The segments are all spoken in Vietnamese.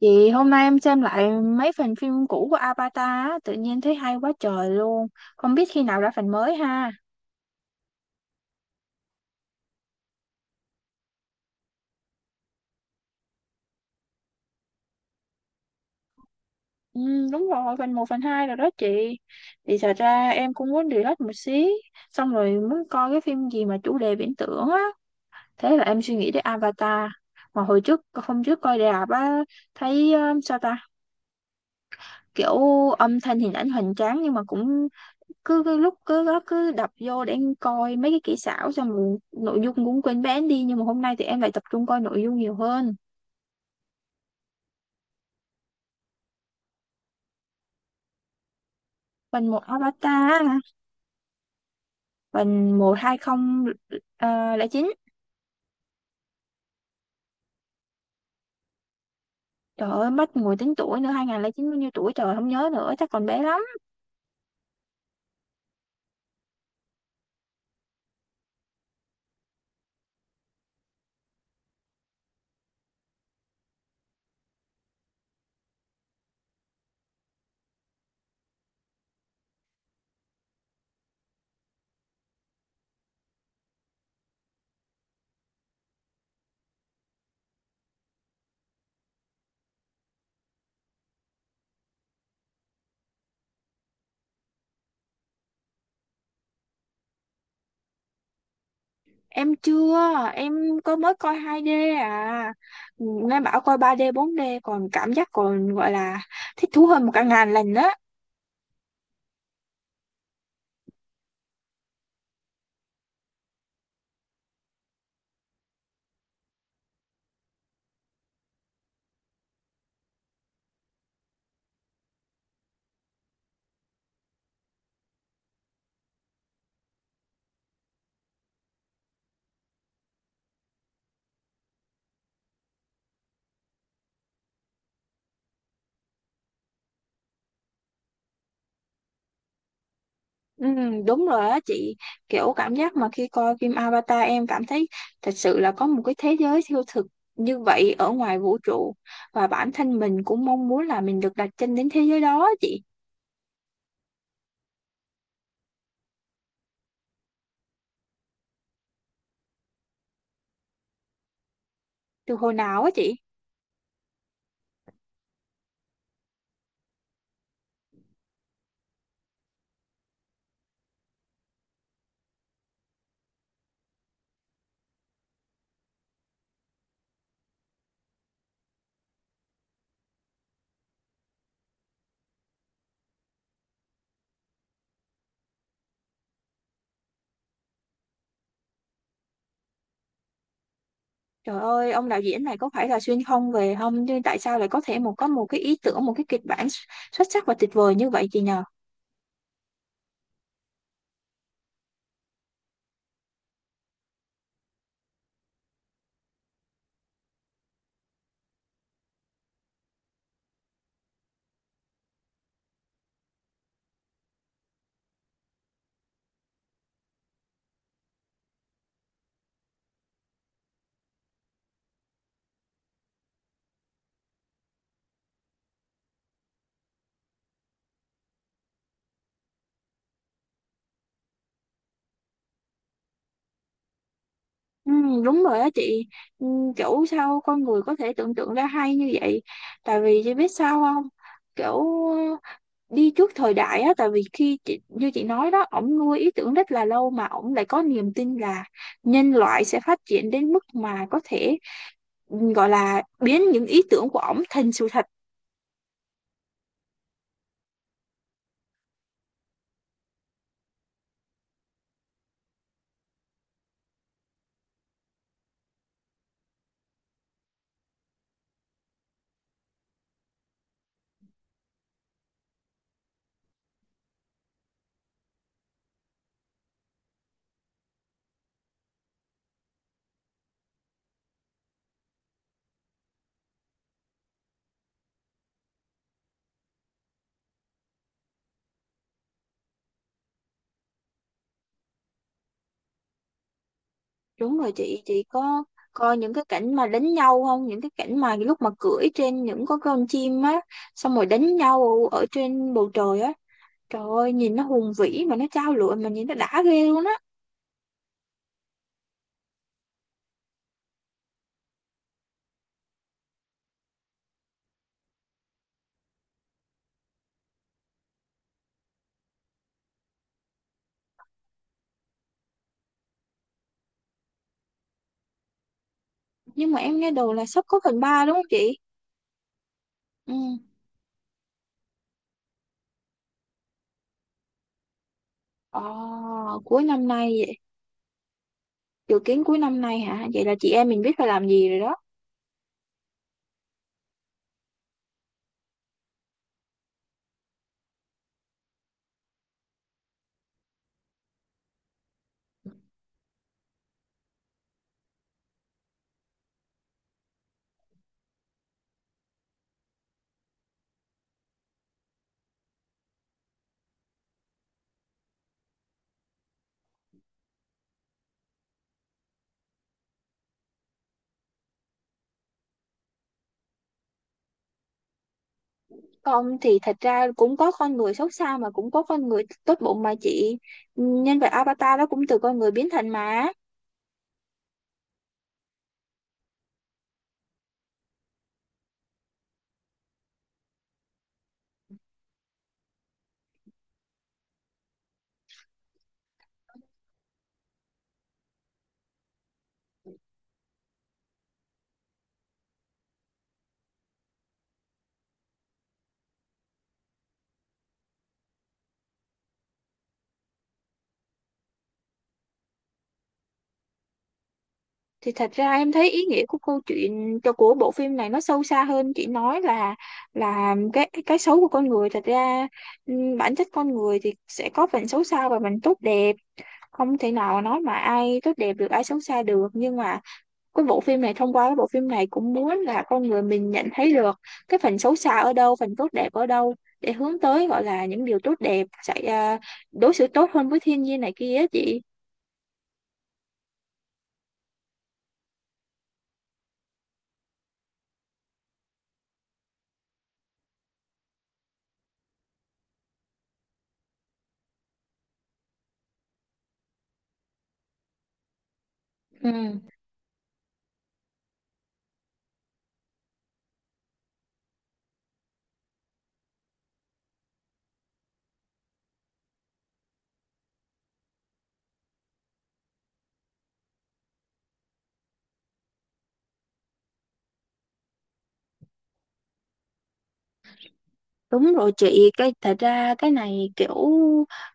Chị hôm nay em xem lại mấy phần phim cũ của Avatar á, tự nhiên thấy hay quá trời luôn. Không biết khi nào ra phần mới ha. Ừ, đúng rồi, phần một phần 2 rồi đó chị. Thì thật ra em cũng muốn relax một xí, xong rồi muốn coi cái phim gì mà chủ đề viễn tưởng á. Thế là em suy nghĩ đến Avatar. Mà hồi trước, hôm trước coi rạp á, thấy sao ta, kiểu âm thanh hình ảnh hoành tráng, nhưng mà cũng cứ lúc cứ đó cứ đập vô để em coi mấy cái kỹ xảo, xong rồi nội dung cũng quên bén đi, nhưng mà hôm nay thì em lại tập trung coi nội dung nhiều hơn. Phần một Avatar, phần một hai không lẻ chín. Trời ơi, mất ngồi tính tuổi nữa, hai nghìn không trăm lẻ chín bao nhiêu tuổi trời, không nhớ nữa, chắc còn bé lắm. Em chưa, em có mới coi 2D à. Nghe bảo coi 3D 4D còn cảm giác, còn gọi là thích thú hơn một cả ngàn lần đó. Ừ, đúng rồi á chị, kiểu cảm giác mà khi coi phim Avatar, em cảm thấy thật sự là có một cái thế giới siêu thực như vậy ở ngoài vũ trụ, và bản thân mình cũng mong muốn là mình được đặt chân đến thế giới đó á chị. Từ hồi nào á chị? Trời ơi, ông đạo diễn này có phải là xuyên không về không, nhưng tại sao lại có thể có một cái ý tưởng, một cái kịch bản xuất xuất sắc và tuyệt vời như vậy chị nhờ? Ừ, đúng rồi á chị, ừ, kiểu sao con người có thể tưởng tượng ra hay như vậy. Tại vì chị biết sao không? Kiểu đi trước thời đại á, tại vì khi chị, như chị nói đó, ổng nuôi ý tưởng rất là lâu mà ổng lại có niềm tin là nhân loại sẽ phát triển đến mức mà có thể, ừ, gọi là biến những ý tưởng của ổng thành sự thật. Đúng rồi chị có coi những cái cảnh mà đánh nhau không, những cái cảnh mà lúc mà cưỡi trên những con chim á, xong rồi đánh nhau ở trên bầu trời á, trời ơi nhìn nó hùng vĩ mà nó trao lụa, mà nhìn nó đã ghê luôn á. Nhưng mà em nghe đồn là sắp có phần ba đúng không chị? Ừ. Ồ. Cuối năm nay vậy. Dự kiến cuối năm nay hả? Vậy là chị em mình biết phải làm gì rồi đó. Không, thì thật ra cũng có con người xấu xa mà cũng có con người tốt bụng mà chị. Nhân vật Avatar đó cũng từ con người biến thành mà. Thì thật ra em thấy ý nghĩa của câu chuyện, cho của bộ phim này nó sâu xa hơn. Chị nói là cái xấu của con người, thật ra, bản chất con người thì sẽ có phần xấu xa và phần tốt đẹp. Không thể nào nói mà ai tốt đẹp được, ai xấu xa được, nhưng mà cái bộ phim này, thông qua cái bộ phim này cũng muốn là con người mình nhận thấy được cái phần xấu xa ở đâu, phần tốt đẹp ở đâu, để hướng tới gọi là những điều tốt đẹp, sẽ đối xử tốt hơn với thiên nhiên này kia á chị. Ừ. Đúng rồi chị, cái thật ra cái này kiểu,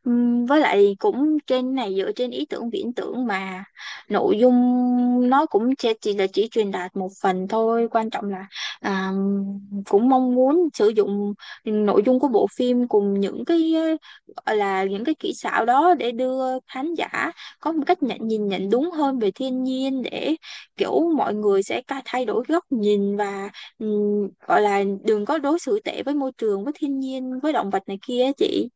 với lại cũng trên này dựa trên ý tưởng viễn tưởng mà, nội dung nó cũng chỉ là chỉ truyền đạt một phần thôi, quan trọng là à, cũng mong muốn sử dụng nội dung của bộ phim cùng những cái gọi là những cái kỹ xảo đó để đưa khán giả có một cách nhìn nhận đúng hơn về thiên nhiên, để kiểu mọi người sẽ thay đổi góc nhìn và, ừ, gọi là đừng có đối xử tệ với môi trường, với thiên nhiên, với động vật này kia á chị.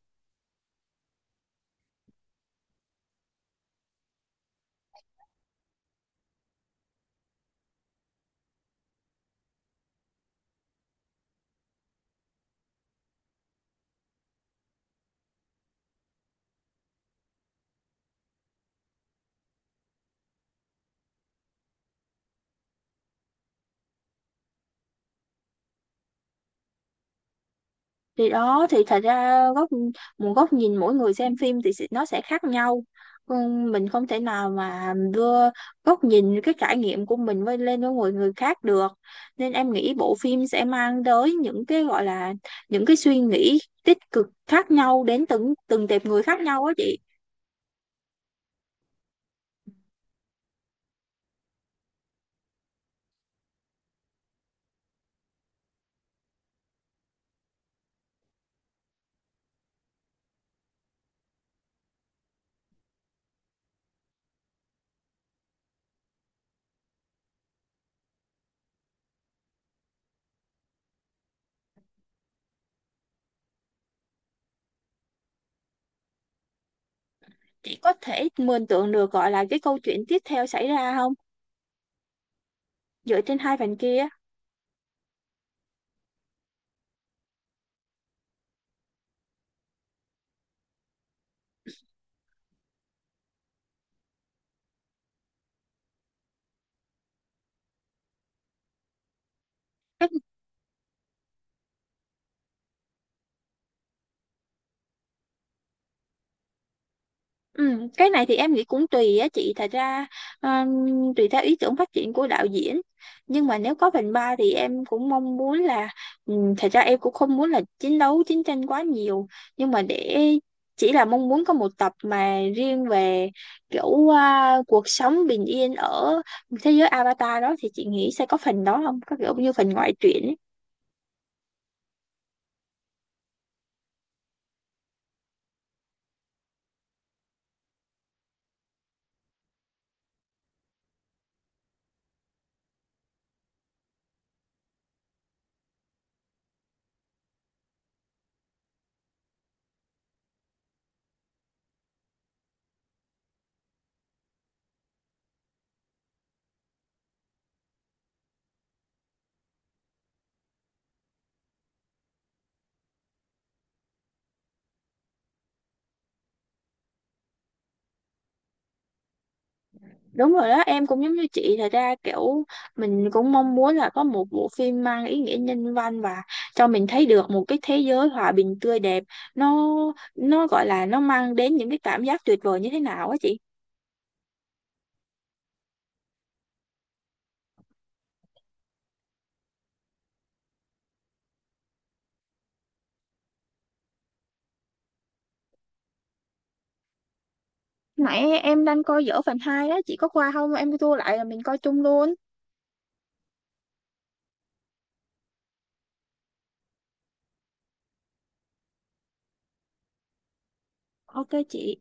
Thì đó, thì thật ra một góc nhìn mỗi người xem phim thì nó sẽ khác nhau. Ừ, mình không thể nào mà đưa góc nhìn, cái trải nghiệm của mình với lên với người người khác được, nên em nghĩ bộ phim sẽ mang tới những cái gọi là những cái suy nghĩ tích cực khác nhau đến từng từng tệp người khác nhau á chị. Chị có thể mường tượng được gọi là cái câu chuyện tiếp theo xảy ra không, dựa trên hai phần kia? Ừ, cái này thì em nghĩ cũng tùy á chị, thật ra, um, tùy theo ý tưởng phát triển của đạo diễn, nhưng mà nếu có phần 3 thì em cũng mong muốn là, thật ra em cũng không muốn là chiến đấu chiến tranh quá nhiều, nhưng mà để chỉ là mong muốn có một tập mà riêng về kiểu, cuộc sống bình yên ở thế giới Avatar đó, thì chị nghĩ sẽ có phần đó, không có kiểu như phần ngoại truyện ấy. Đúng rồi đó, em cũng giống như chị, thật ra kiểu mình cũng mong muốn là có một bộ phim mang ý nghĩa nhân văn và cho mình thấy được một cái thế giới hòa bình tươi đẹp. Nó nó gọi là nó mang đến những cái cảm giác tuyệt vời như thế nào á chị. Nãy em đang coi dở phần 2 đó, chị có qua không? Em tua lại là mình coi chung luôn. Ok chị.